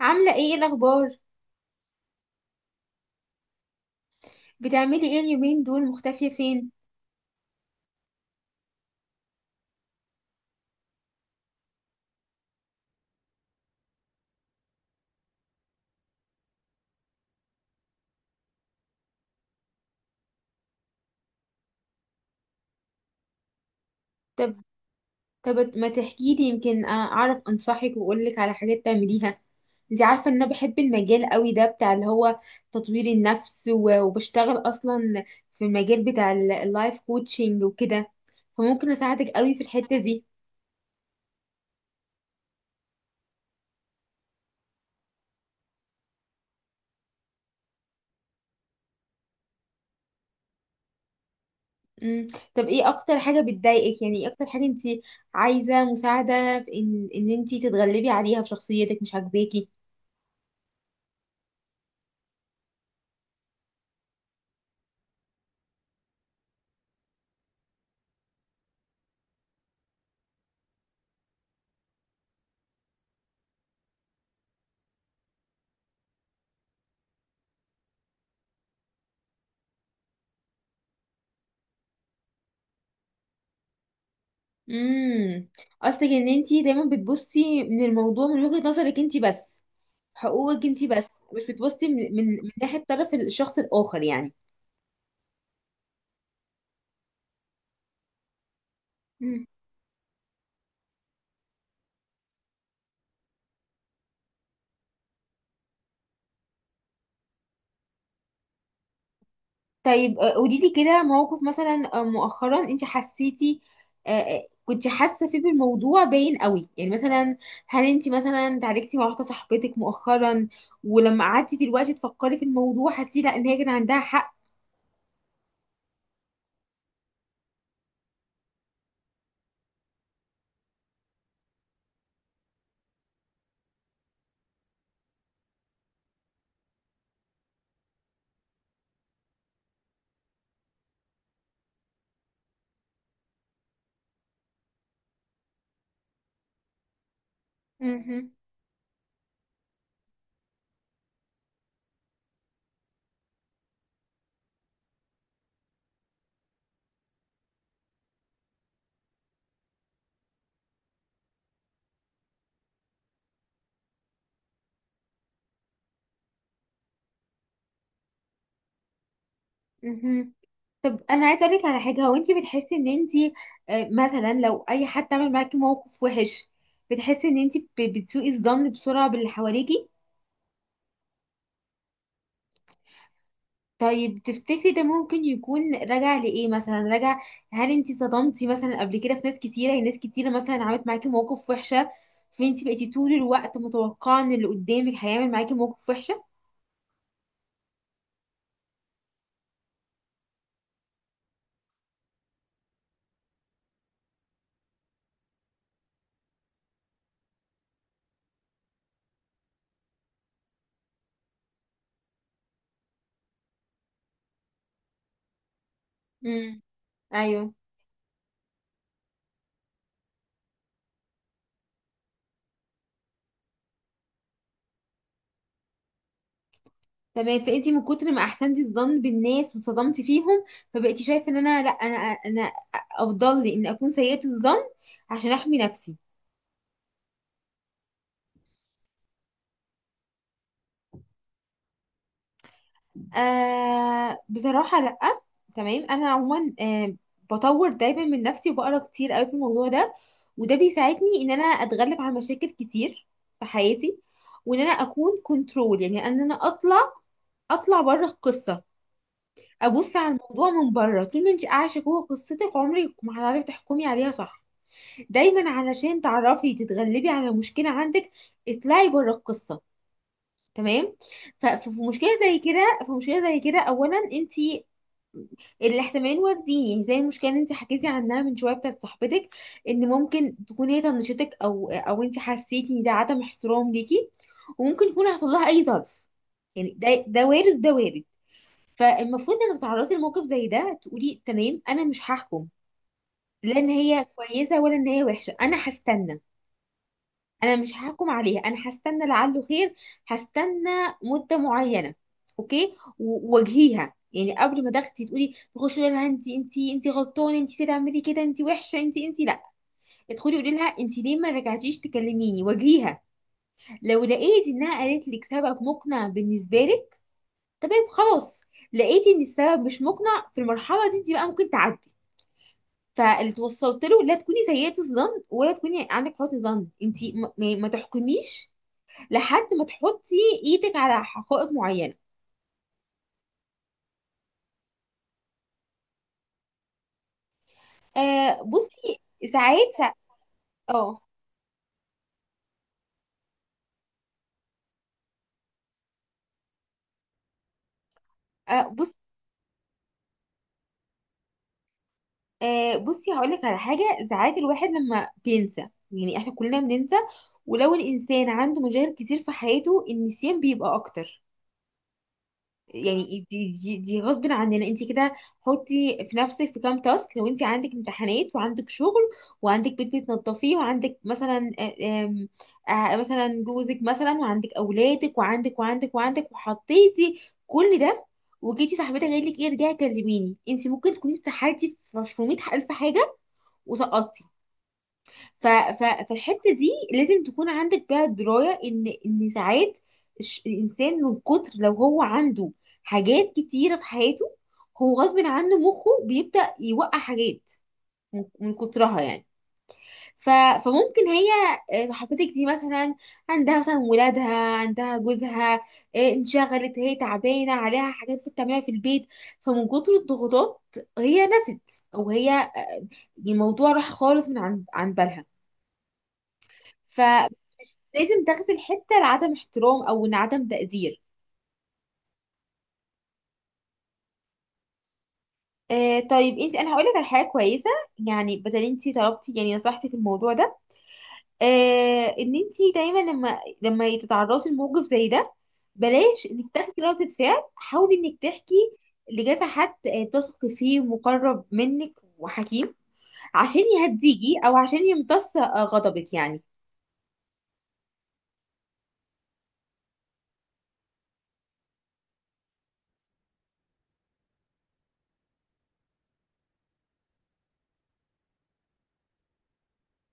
عاملة ايه الأخبار؟ بتعملي ايه اليومين دول مختفية فين؟ طب طب ما تحكيلي يمكن أعرف أنصحك وأقولك على حاجات تعمليها. انتي عارفة ان انا بحب المجال قوي ده بتاع اللي هو تطوير النفس وبشتغل اصلا في المجال بتاع اللايف كوتشنج وكده، فممكن اساعدك قوي في الحتة دي. مم. طب ايه اكتر حاجة بتضايقك، يعني ايه اكتر حاجة انتي عايزة مساعدة في ان انتي تتغلبي عليها في شخصيتك مش عاجباكي؟ امم قصدك ان انتي دايما بتبصي من الموضوع من وجهة نظرك انتي بس، حقوقك انتي بس، مش بتبصي من ناحية طرف الشخص الآخر يعني. مم. طيب، قولي لي كده موقف مثلا مؤخرا انتي حسيتي، كنتي حاسة فيه بالموضوع باين قوي، يعني مثلا هل انتي مثلا تعاركتي مع واحدة صاحبتك مؤخرا، ولما قعدتي دلوقتي تفكري في الموضوع حسيتي لا ان هي كان عندها حق؟ مهم. طب انا عايزه اقول لك على حاجه، هو انت بتحسي ان انت مثلا لو اي حد عمل معاكي موقف وحش بتحسي ان انت بتسوقي الظن بسرعه باللي حواليكي؟ طيب تفتكري ده ممكن يكون راجع لايه؟ مثلا هل انت صدمتي مثلا قبل كده في ناس كتيره، يعني ناس كتيره مثلا عملت معاكي مواقف وحشه فانت بقيتي طول الوقت متوقعه ان اللي قدامك هيعمل معاكي موقف وحشه؟ امم. ايوه. تمام، فانتي من كتر ما احسنتي الظن بالناس واتصدمتي فيهم فبقيتي شايفه ان انا لا، انا افضل لي ان اكون سيئه الظن عشان احمي نفسي. آه بصراحه لا. تمام، انا عموما بطور دايما من نفسي وبقرا كتير قوي في الموضوع ده، وده بيساعدني ان انا اتغلب على مشاكل كتير في حياتي، وان انا اكون كنترول، يعني ان انا اطلع بره القصه، ابص على الموضوع من بره. طول ما انت عايشه جوه قصتك عمرك ما هتعرفي تحكمي عليها صح. دايما علشان تعرفي تتغلبي على مشكلة عندك اطلعي بره القصة، تمام؟ ففي مشكلة زي كده، في مشكلة زي كده اولا انتي الاحتمالين واردين، يعني زي المشكلة اللي انتي حكيتي عنها من شوية بتاعت صاحبتك، ان ممكن تكون هي طنشتك، او انتي حسيتي ان ده عدم احترام ليكي، وممكن يكون حصل لها اي ظرف. يعني ده وارد، ده وارد. فالمفروض لما تتعرضي لموقف زي ده تقولي تمام، انا مش هحكم لا ان هي كويسة ولا ان هي وحشة، انا هستنى. انا مش هحكم عليها، انا هستنى لعله خير، هستنى مده معينه، اوكي؟ وواجهيها، يعني قبل ما تاخدي تقولي تخشي تقولي لها انت غلطانه، انت تعملي كده، انت وحشه، انت لا، ادخلي قولي لها انت ليه ما رجعتيش تكلميني، واجهيها. لو لقيتي انها قالت لك سبب مقنع بالنسبه لك تمام خلاص، لقيتي ان السبب مش مقنع في المرحله دي انت بقى ممكن تعدي. فاللي توصلت له لا تكوني سيئة الظن ولا تكوني عندك حسن ظن، انت ما تحكميش لحد ما تحطي ايدك على حقائق معينه. بصي، ساعات سا... اه آه، بص. بصي هقول لك على حاجه، ساعات الواحد لما بينسى، يعني احنا كلنا بننسى، ولو الانسان عنده مشاغل كتير في حياته النسيان بيبقى اكتر، يعني دي غصب عننا انت كده. حطي في نفسك في كام تاسك، لو انت عندك امتحانات وعندك شغل وعندك بيت بتنظفيه وعندك مثلا، آه، آم، آه، مثلا جوزك مثلا وعندك اولادك وعندك وعندك وعندك وحطيتي كل ده، وجيتي صاحبتك قالت لك ايه ارجعي كلميني، انت ممكن تكوني استحالتي في 100,000 حاجه وسقطتي. ف... ف... فالحته دي لازم تكون عندك بيها درايه، ان ساعات الانسان من كتر لو هو عنده حاجات كتيره في حياته هو غصب عنه مخه بيبدا يوقع حاجات من كترها يعني. ف... فممكن هي، صاحبتك دي مثلا عندها مثلا ولادها، عندها جوزها، انشغلت، هي تعبانه، عليها حاجات لسه بتعملها في البيت، فمن كتر الضغوطات هي نست، او هي الموضوع راح خالص من عن بالها. فلازم تغزل حته لعدم احترام، او إن عدم تقدير. طيب انت، انا هقول لك على حاجه كويسه، يعني بدل انت طلبتي يعني نصحتي في الموضوع ده، ان انت دايما لما تتعرضي لموقف زي ده بلاش انك تاخدي ردة فعل، حاولي انك تحكي لجاز حد بتثقي فيه ومقرب منك وحكيم، عشان يهديكي او عشان يمتص غضبك يعني.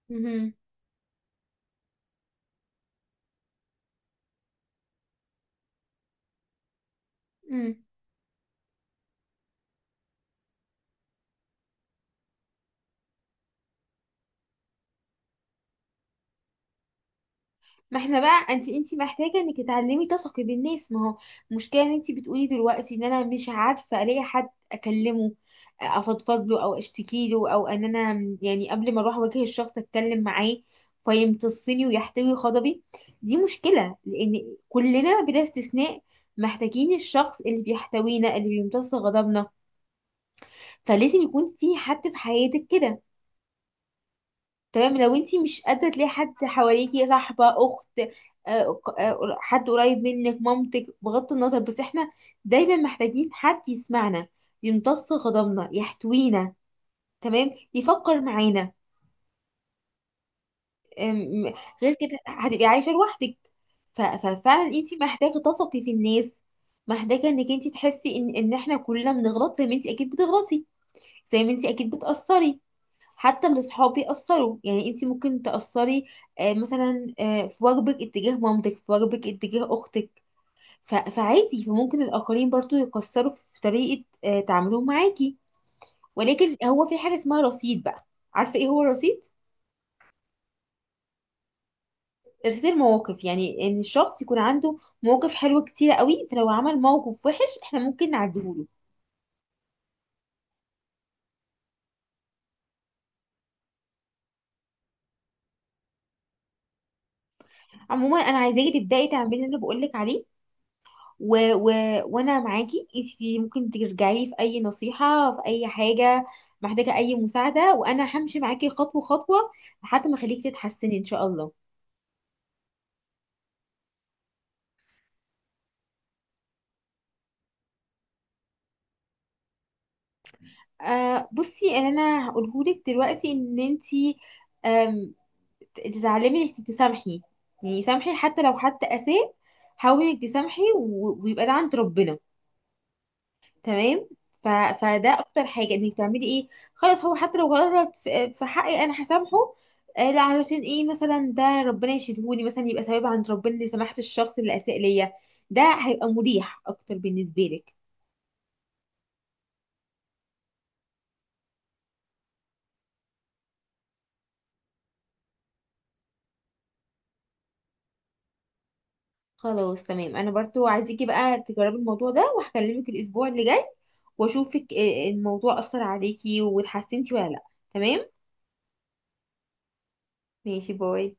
مهم. مم. ما احنا بقى، انت محتاجه انك تتعلمي تثقي بالناس. ما هو المشكله ان انت بتقولي دلوقتي ان انا مش عارفه الاقي حد اكلمه افضفض له او اشتكي له، او ان انا يعني قبل ما اروح اواجه الشخص اتكلم معاه فيمتصني ويحتوي غضبي. دي مشكله، لان كلنا بلا استثناء محتاجين الشخص اللي بيحتوينا، اللي بيمتص غضبنا، فلازم يكون في حد في حياتك كده، تمام؟ لو انتي مش قادرة تلاقي حد حواليكي صاحبة، أخت، حد قريب منك، مامتك، بغض النظر، بس احنا دايما محتاجين حد يسمعنا، يمتص غضبنا، يحتوينا، تمام، يفكر معانا. أم، غير كده هتبقي عايشة لوحدك. ففعلا انتي محتاجة تثقي في الناس، محتاجة انك انتي تحسي ان احنا كلنا بنغلط زي ما انتي اكيد بتغلطي، زي ما انتي اكيد بتأثري، حتى اللي صحابي أثروا، يعني انتي ممكن تأثري، مثلا في واجبك اتجاه مامتك، في واجبك اتجاه أختك. فعادي، فممكن الآخرين برضو يقصروا في طريقة تعاملهم معاكي، ولكن هو في حاجة اسمها رصيد بقى. عارفة ايه هو الرصيد؟ رصيد المواقف، يعني ان الشخص يكون عنده مواقف حلوة كتيرة قوي، فلو عمل موقف وحش احنا ممكن نعديهوله. عموما انا عايزاكي تبدأي تعملي اللي بقولك عليه، و... و... وانا معاكي. انتي ممكن ترجعي لي في اي نصيحه، في اي حاجه محتاجه اي مساعده، وانا همشي معاكي خطوه خطوه لحد ما اخليكي تتحسني ان شاء الله. بصي، اللي انا هقولهولك دلوقتي ان انتي، آم، تتعلمي انك تسامحي، يعني سامحي حتى لو حد اساء، حاولي انك تسامحي، ويبقى ده عند ربنا، تمام. ف... فده اكتر حاجه انك تعملي ايه، خلاص، هو حتى لو غلط في حقي انا هسامحه. لا علشان ايه مثلا؟ ده ربنا يشيلهولي، مثلا يبقى ثواب عند ربنا اللي سمحت الشخص اللي اساء ليا. ده هيبقى مريح اكتر بالنسبه لك. خلاص تمام، انا برضو عايزاكي بقى تجربي الموضوع ده، وهكلمك الاسبوع اللي جاي واشوفك، الموضوع اثر عليكي واتحسنتي ولا لا، تمام. ماشي، باي.